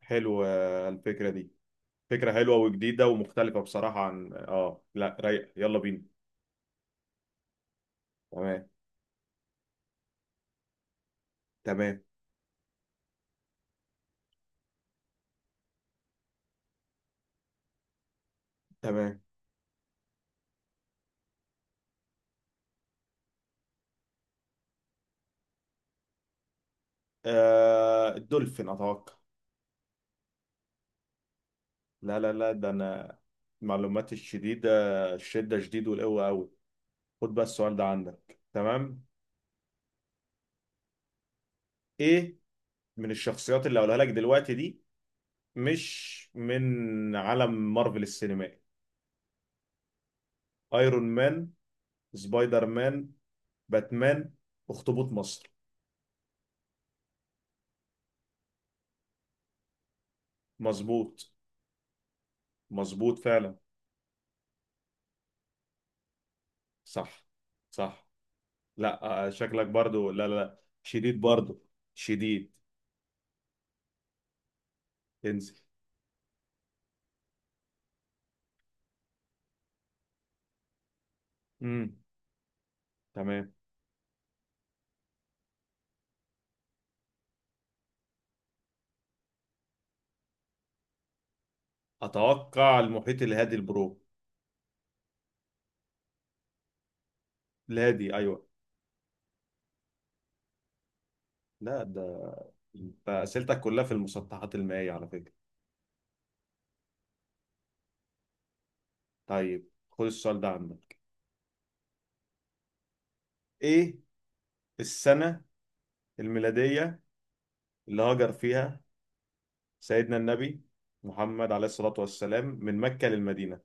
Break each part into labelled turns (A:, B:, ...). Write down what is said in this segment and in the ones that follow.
A: حلوة الفكرة دي. فكرة حلوة وجديدة ومختلفة بصراحة عن لا، رايق. يلا بينا. تمام. تمام. تمام. آه، الدولفين أتوقع. لا لا لا، ده أنا. معلوماتي الشديدة، الشدة شديد والقوة قوي. خد بقى السؤال ده عندك. تمام. إيه؟ من الشخصيات اللي هقولها لك دلوقتي دي، مش من عالم مارفل السينمائي؟ ايرون مان، سبايدر مان، باتمان، اخطبوط مصر. مظبوط. مظبوط فعلا. صح. صح. لا، شكلك برضو. لا لا لا. شديد برضو. شديد. انزل. امم تمام. اتوقع المحيط الهادي البرو. الهادي. ايوه. لا ده. انت اسئلتك كلها في المسطحات المائية على فكرة. طيب خد السؤال ده عندك. ايه؟ السنة الميلادية اللي هاجر فيها سيدنا النبي محمد عليه الصلاة والسلام من مكة للمدينة.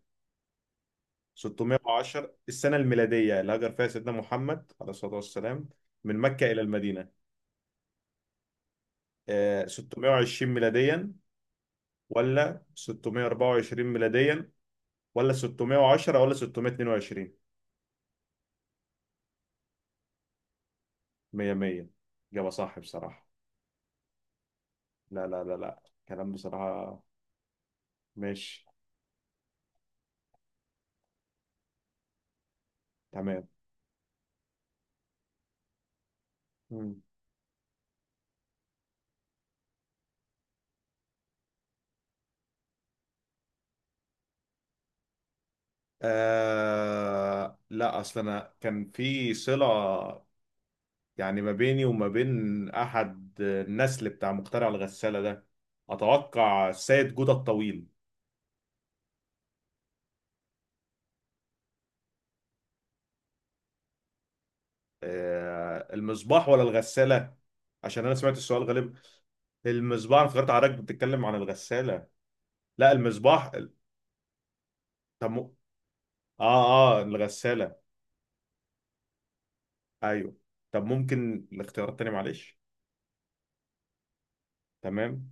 A: 610 السنة الميلادية اللي هاجر فيها سيدنا محمد عليه الصلاة والسلام من مكة إلى المدينة. 620 ميلاديا، ولا 624 ميلاديا، ولا 610، ولا 622. 100 100. إجابة صح بصراحة. لا لا لا لا، كلام بصراحة. ماشي. تمام. مم. لا، أصل أنا كان في صلة، يعني ما بيني وما بين أحد النسل بتاع مخترع الغسالة ده. أتوقع السيد جودة الطويل. المصباح ولا الغسالة؟ عشان انا سمعت السؤال غالبا. المصباح، انا افتكرت حضرتك بتتكلم عن الغسالة. لا، المصباح طب اه الغسالة. ايوه. طب ممكن الاختيار التاني معلش. تمام.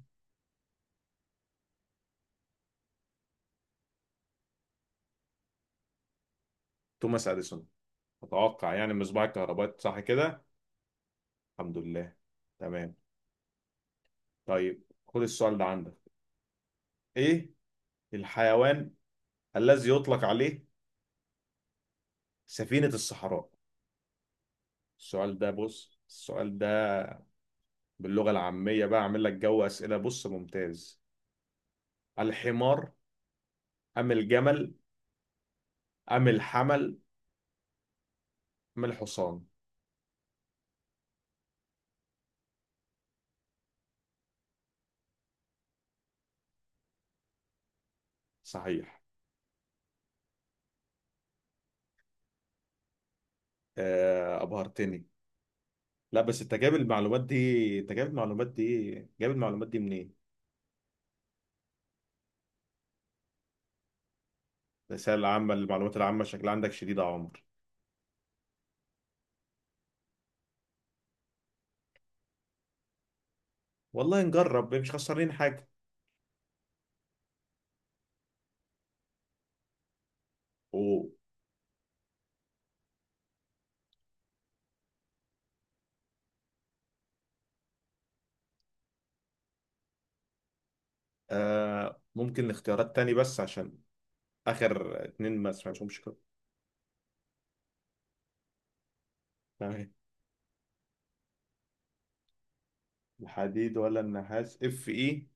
A: توماس اديسون اتوقع. يعني مصباح الكهرباء صح كده؟ الحمد لله. تمام. طيب خد السؤال ده عندك. ايه؟ الحيوان الذي يطلق عليه سفينة الصحراء. السؤال ده باللغة العامية بقى، أعمل لك جو أسئلة بص ممتاز. الحمار، أم الجمل، أم الحمل، أم الحصان. صحيح. آه، أبهرتني. لا بس أنت جايب المعلومات دي، أنت جايب المعلومات دي. جايب المعلومات دي منين؟ الرسائل العامة، المعلومات العامة شكلها عندك شديد يا عمر. والله نجرب، مش خسرانين حاجة. و ممكن اختيارات تاني بس عشان آخر اتنين ما سمعتهمش كده. تمام. الحديد ولا النحاس؟ اف ايه.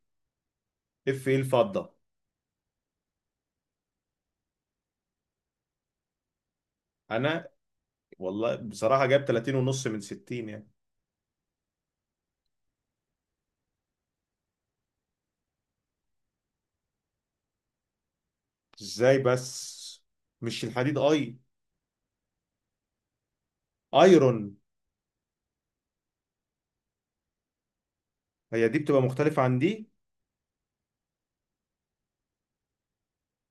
A: اف ايه الفضة. انا والله بصراحة جاب 30 ونص من 60 يعني. ازاي بس؟ مش الحديد اي؟ ايرون. هي دي بتبقى مختلفة عن دي.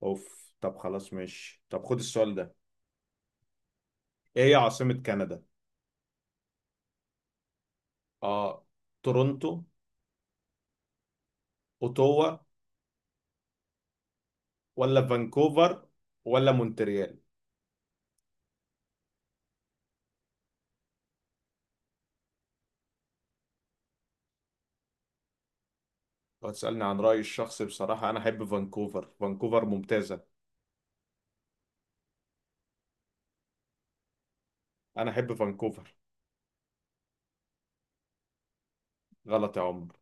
A: اوف. طب خلاص، ماشي. طب خد السؤال ده. ايه هي عاصمة كندا؟ اه، تورونتو، اوتوا، ولا فانكوفر، ولا مونتريال. لو تسألني عن رأيي الشخصي بصراحة، انا احب فانكوفر. فانكوفر ممتازة. انا احب فانكوفر. غلط يا عمر.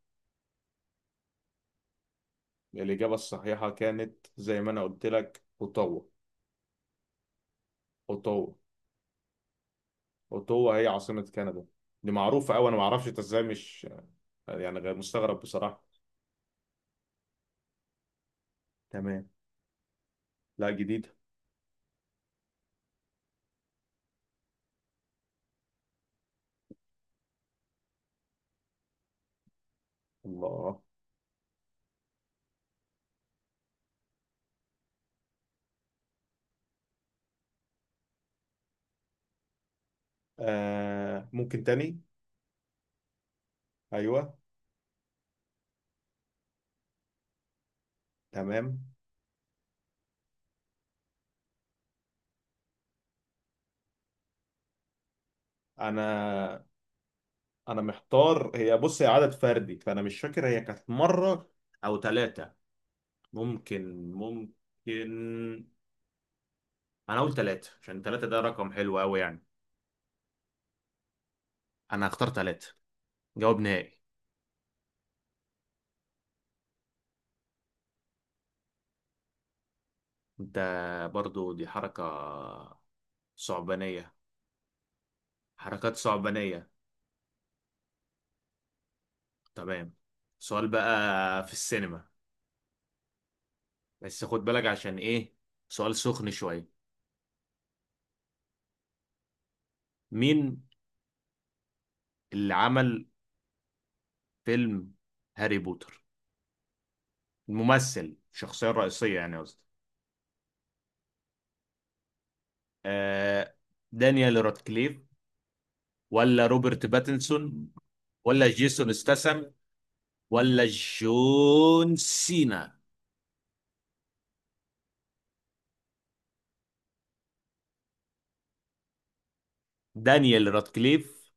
A: الإجابة الصحيحة كانت زي ما انا قلت لك، اوتوا. اوتوا. اوتوا هي عاصمة كندا. دي معروفة أوي، أنا معرفش أنت إزاي مش. يعني غير مستغرب بصراحة. تمام. لا، جديدة. الله. آه، ممكن تاني؟ أيوه. تمام. أنا أنا محتار. هي بص، هي عدد فردي، فأنا مش فاكر هي كانت مرة أو ثلاثة. ممكن ممكن. أنا أقول ثلاثة عشان ثلاثة ده رقم حلو أوي يعني. أنا هختار ثلاثة. جواب نهائي. ده برضو دي حركة صعبانية. حركات صعبانية. تمام. سؤال بقى في السينما. بس خد بالك عشان ايه، سؤال سخن شوية. مين اللي عمل فيلم هاري بوتر، الممثل الشخصية الرئيسية يعني قصدي؟ آه، دانيال رادكليف، ولا روبرت باتنسون، ولا جيسون استسم، ولا جون سينا. دانيال رادكليف،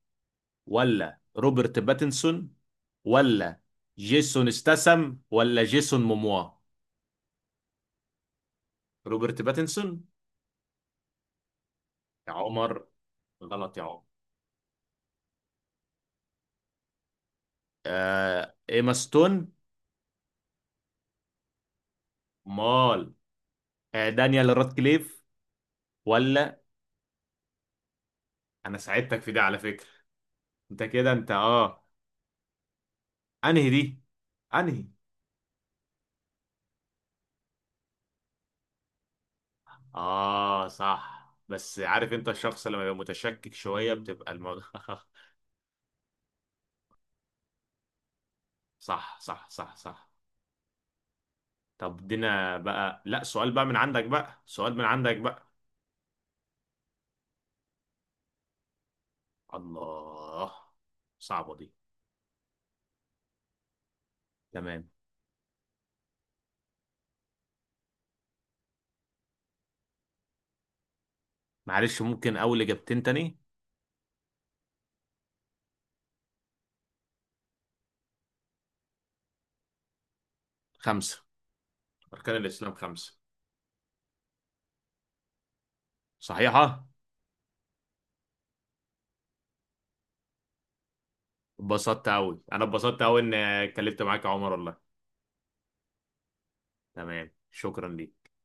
A: ولا روبرت باتنسون، ولا جيسون استسم، ولا جيسون موموا. روبرت باتنسون يا عمر. غلط يا عمر. آه، ايما ستون. مال. آه، دانيال رادكليف ولا. انا ساعدتك في دي على فكرة. انت. انهي دي؟ انهي؟ اه صح. بس عارف، انت الشخص لما يبقى متشكك شوية بتبقى الموضوع. صح صح صح صح. طب ادينا بقى. لا، سؤال بقى من عندك بقى، سؤال من عندك بقى. الله، صعبة دي. تمام. معلش ممكن اول اجابتين تاني. خمسة. اركان الاسلام خمسة. صحيحة. اتبسطت قوي. انا اتبسطت قوي ان اتكلمت معاك يا عمر والله. تمام. شكرا ليك.